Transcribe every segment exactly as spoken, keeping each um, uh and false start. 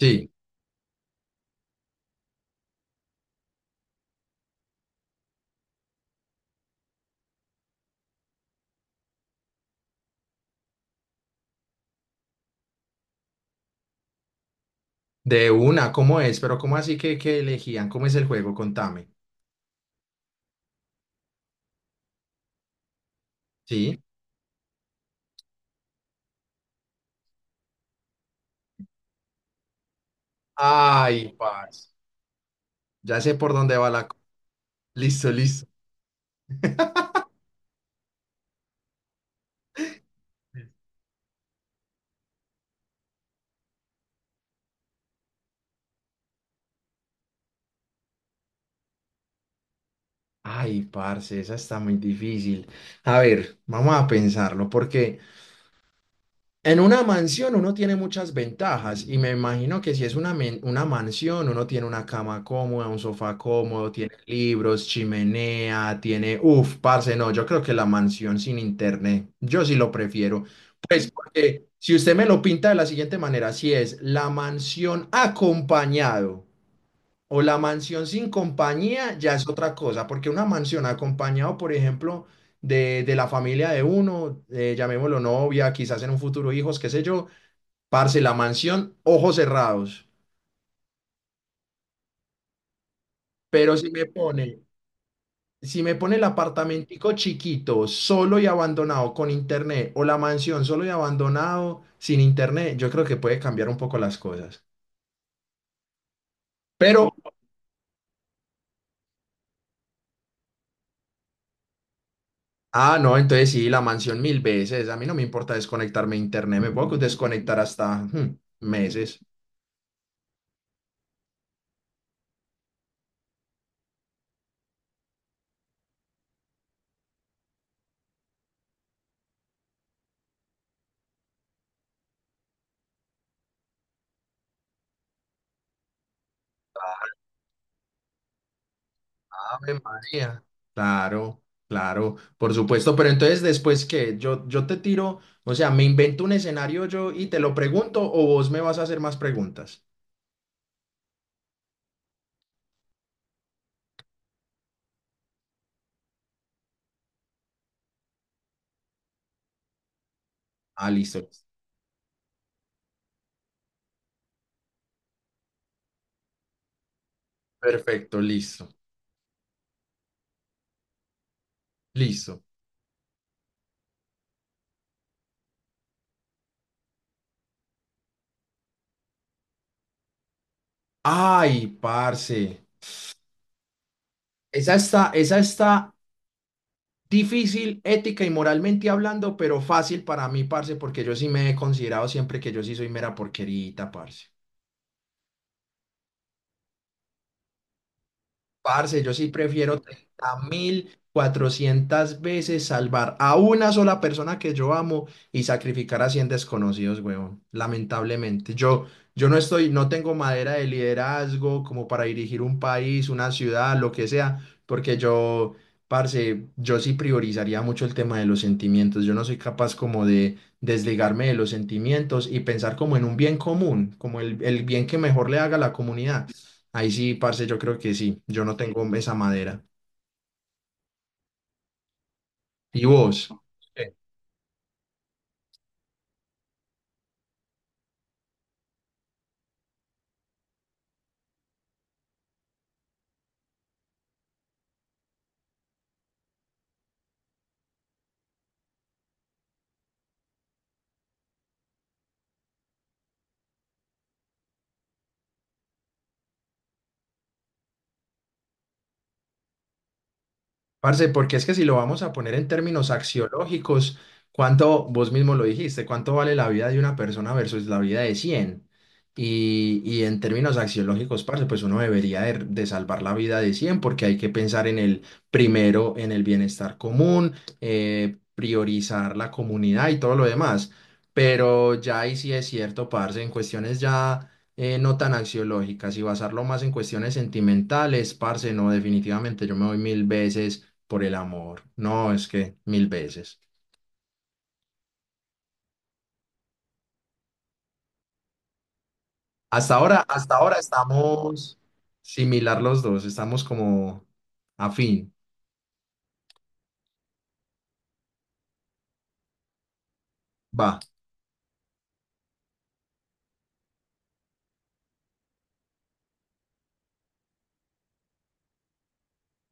Sí, de una, ¿cómo es? Pero ¿cómo así que, que elegían? ¿Cómo es el juego? Contame. Sí. Ay, parce. Ya sé por dónde va la... co- Listo, listo. Ay, parce, esa está muy difícil. A ver, vamos a pensarlo porque. En una mansión uno tiene muchas ventajas y me imagino que si es una, men- una mansión, uno tiene una cama cómoda, un sofá cómodo, tiene libros, chimenea, tiene. Uf, parce, no, yo creo que la mansión sin internet, yo sí lo prefiero. Pues porque si usted me lo pinta de la siguiente manera, si es la mansión acompañado o la mansión sin compañía, ya es otra cosa, porque una mansión acompañado, por ejemplo, de, de la familia de uno, eh, llamémoslo novia, quizás en un futuro hijos, qué sé yo, parce, la mansión, ojos cerrados. Pero si me pone, si me pone el apartamentico chiquito, solo y abandonado con internet, o la mansión solo y abandonado sin internet, yo creo que puede cambiar un poco las cosas. Pero Ah, no, entonces sí, la mansión mil veces. A mí no me importa desconectarme de internet, me puedo desconectar hasta hmm, meses. Ave María. Claro, claro, por supuesto. Pero entonces, después que yo, yo te tiro, o sea, me invento un escenario yo y te lo pregunto, o vos me vas a hacer más preguntas. Ah, listo. Perfecto, listo, listo. Ay, parce. Esa está, esa está difícil, ética y moralmente hablando, pero fácil para mí, parce, porque yo sí me he considerado siempre que yo sí soy mera porquerita, parce. Parce, yo sí prefiero treinta mil cuatrocientas veces salvar a una sola persona que yo amo y sacrificar a cien desconocidos, huevón. Lamentablemente, yo, yo no estoy, no tengo madera de liderazgo como para dirigir un país, una ciudad, lo que sea, porque yo, parce, yo sí priorizaría mucho el tema de los sentimientos. Yo no soy capaz como de desligarme de los sentimientos y pensar como en un bien común, como el, el bien que mejor le haga a la comunidad. Ahí sí, parce, yo creo que sí. Yo no tengo esa madera. ¿Y vos? Parce, porque es que si lo vamos a poner en términos axiológicos, ¿cuánto, vos mismo lo dijiste, cuánto vale la vida de una persona versus la vida de cien? Y, y en términos axiológicos, parce, pues uno debería de, de salvar la vida de cien porque hay que pensar en el primero, en el bienestar común, eh, priorizar la comunidad y todo lo demás. Pero ya ahí sí es cierto, parce, en cuestiones ya eh, no tan axiológicas y basarlo más en cuestiones sentimentales, parce, no, definitivamente yo me voy mil veces por el amor. No, es que mil veces. Hasta ahora, hasta ahora estamos similar los dos, estamos como afín. Va.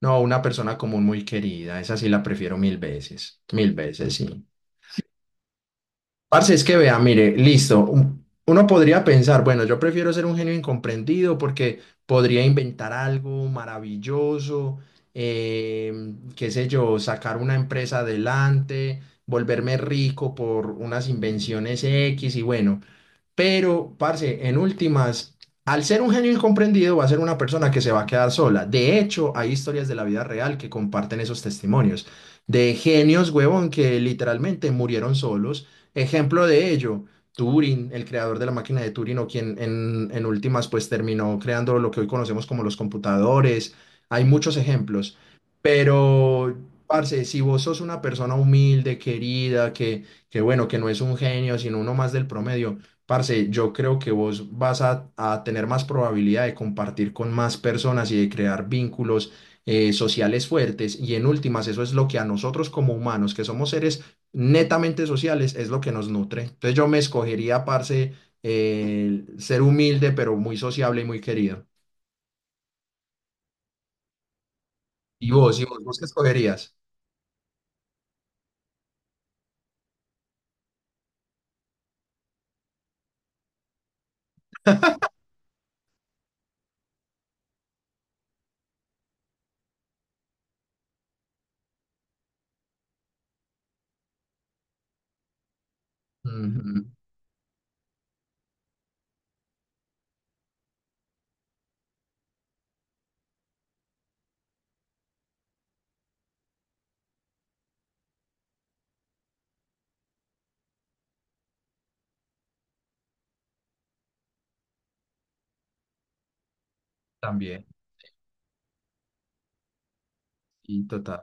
No, una persona común muy querida, esa sí la prefiero mil veces, mil veces, sí. Parce, es que vea, mire, listo. un- Uno podría pensar, bueno, yo prefiero ser un genio incomprendido porque podría inventar algo maravilloso, eh, qué sé yo, sacar una empresa adelante, volverme rico por unas invenciones equis y bueno. Pero, parce, en últimas, al ser un genio incomprendido, va a ser una persona que se va a quedar sola. De hecho, hay historias de la vida real que comparten esos testimonios de genios, huevón, que literalmente murieron solos. Ejemplo de ello, Turing, el creador de la máquina de Turing, o quien en, en, últimas, pues terminó creando lo que hoy conocemos como los computadores. Hay muchos ejemplos. Pero, parce, si vos sos una persona humilde, querida, que, que bueno, que no es un genio, sino uno más del promedio. Parce, yo creo que vos vas a, a tener más probabilidad de compartir con más personas y de crear vínculos eh, sociales fuertes. Y en últimas, eso es lo que a nosotros como humanos, que somos seres netamente sociales, es lo que nos nutre. Entonces yo me escogería, parce, eh, ser humilde, pero muy sociable y muy querido. ¿Y vos? ¿Y vos, vos qué escogerías? Ujú, también, y total.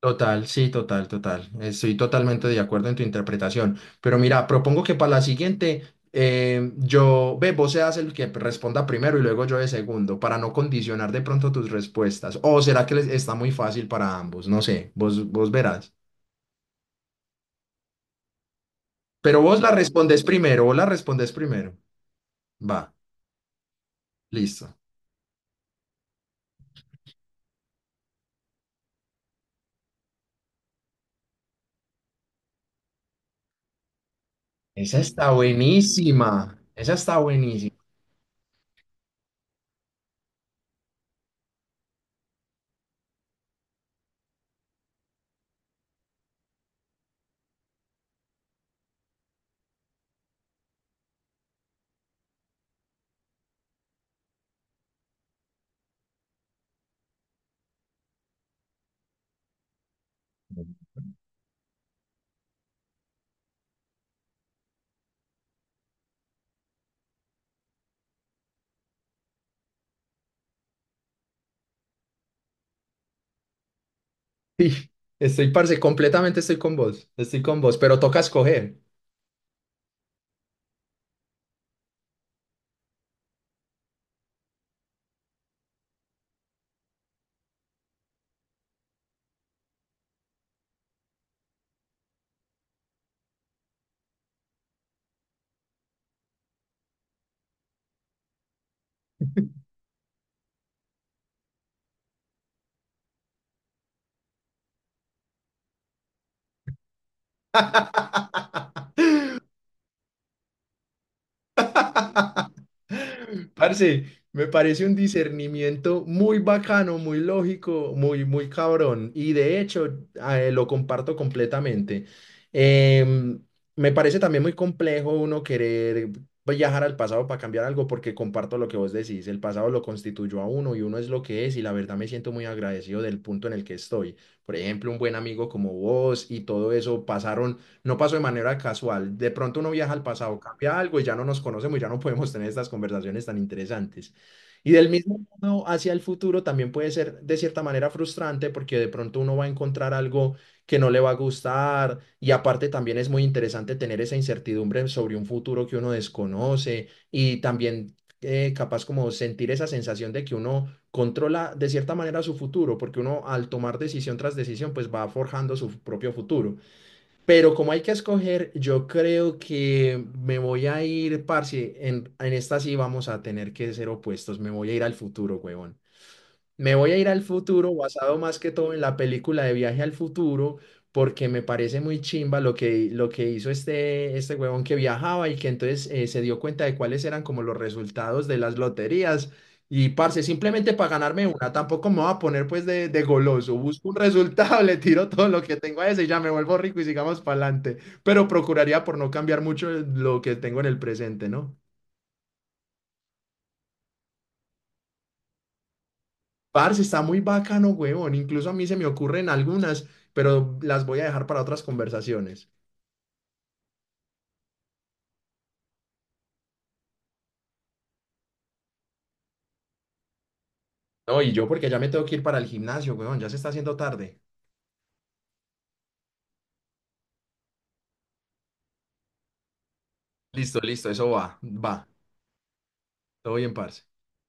Total, sí, total, total. Estoy totalmente de acuerdo en tu interpretación. Pero mira, propongo que para la siguiente, eh, yo, ve, vos seas el que responda primero y luego yo de segundo, para no condicionar de pronto tus respuestas. O será que les está muy fácil para ambos, no sé, vos, vos verás. Pero vos la respondes primero, vos la respondes primero. Va, listo. Esa está buenísima, esa está buenísima. Sí, estoy, parce, completamente estoy con vos, estoy con vos, pero toca escoger. Parce, me parece un discernimiento muy bacano, muy lógico, muy, muy cabrón. Y de hecho, eh, lo comparto completamente. Em, me parece también muy complejo uno querer viajar al pasado para cambiar algo, porque comparto lo que vos decís. El pasado lo constituyó a uno y uno es lo que es. Y la verdad me siento muy agradecido del punto en el que estoy. Por ejemplo, un buen amigo como vos y todo eso pasaron no pasó de manera casual. De pronto uno viaja al pasado, cambia algo y ya no nos conocemos y ya no podemos tener estas conversaciones tan interesantes. Y del mismo modo hacia el futuro también puede ser de cierta manera frustrante porque de pronto uno va a encontrar algo que no le va a gustar, y aparte también es muy interesante tener esa incertidumbre sobre un futuro que uno desconoce y también eh, capaz como sentir esa sensación de que uno controla de cierta manera su futuro, porque uno al tomar decisión tras decisión pues va forjando su propio futuro. Pero como hay que escoger, yo creo que me voy a ir, parce, en, en, esta sí vamos a tener que ser opuestos, me voy a ir al futuro, huevón. Me voy a ir al futuro, basado más que todo en la película de Viaje al Futuro, porque me parece muy chimba lo que, lo que, hizo este, este huevón que viajaba y que entonces eh, se dio cuenta de cuáles eran como los resultados de las loterías. Y parce, simplemente para ganarme una, tampoco me voy a poner pues de, de goloso. Busco un resultado, le tiro todo lo que tengo a ese y ya me vuelvo rico y sigamos para adelante. Pero procuraría por no cambiar mucho lo que tengo en el presente, ¿no? Parce, está muy bacano, huevón. Incluso a mí se me ocurren algunas, pero las voy a dejar para otras conversaciones. No, y yo porque ya me tengo que ir para el gimnasio, huevón. Ya se está haciendo tarde. Listo, listo, eso va, va. Todo bien, parce.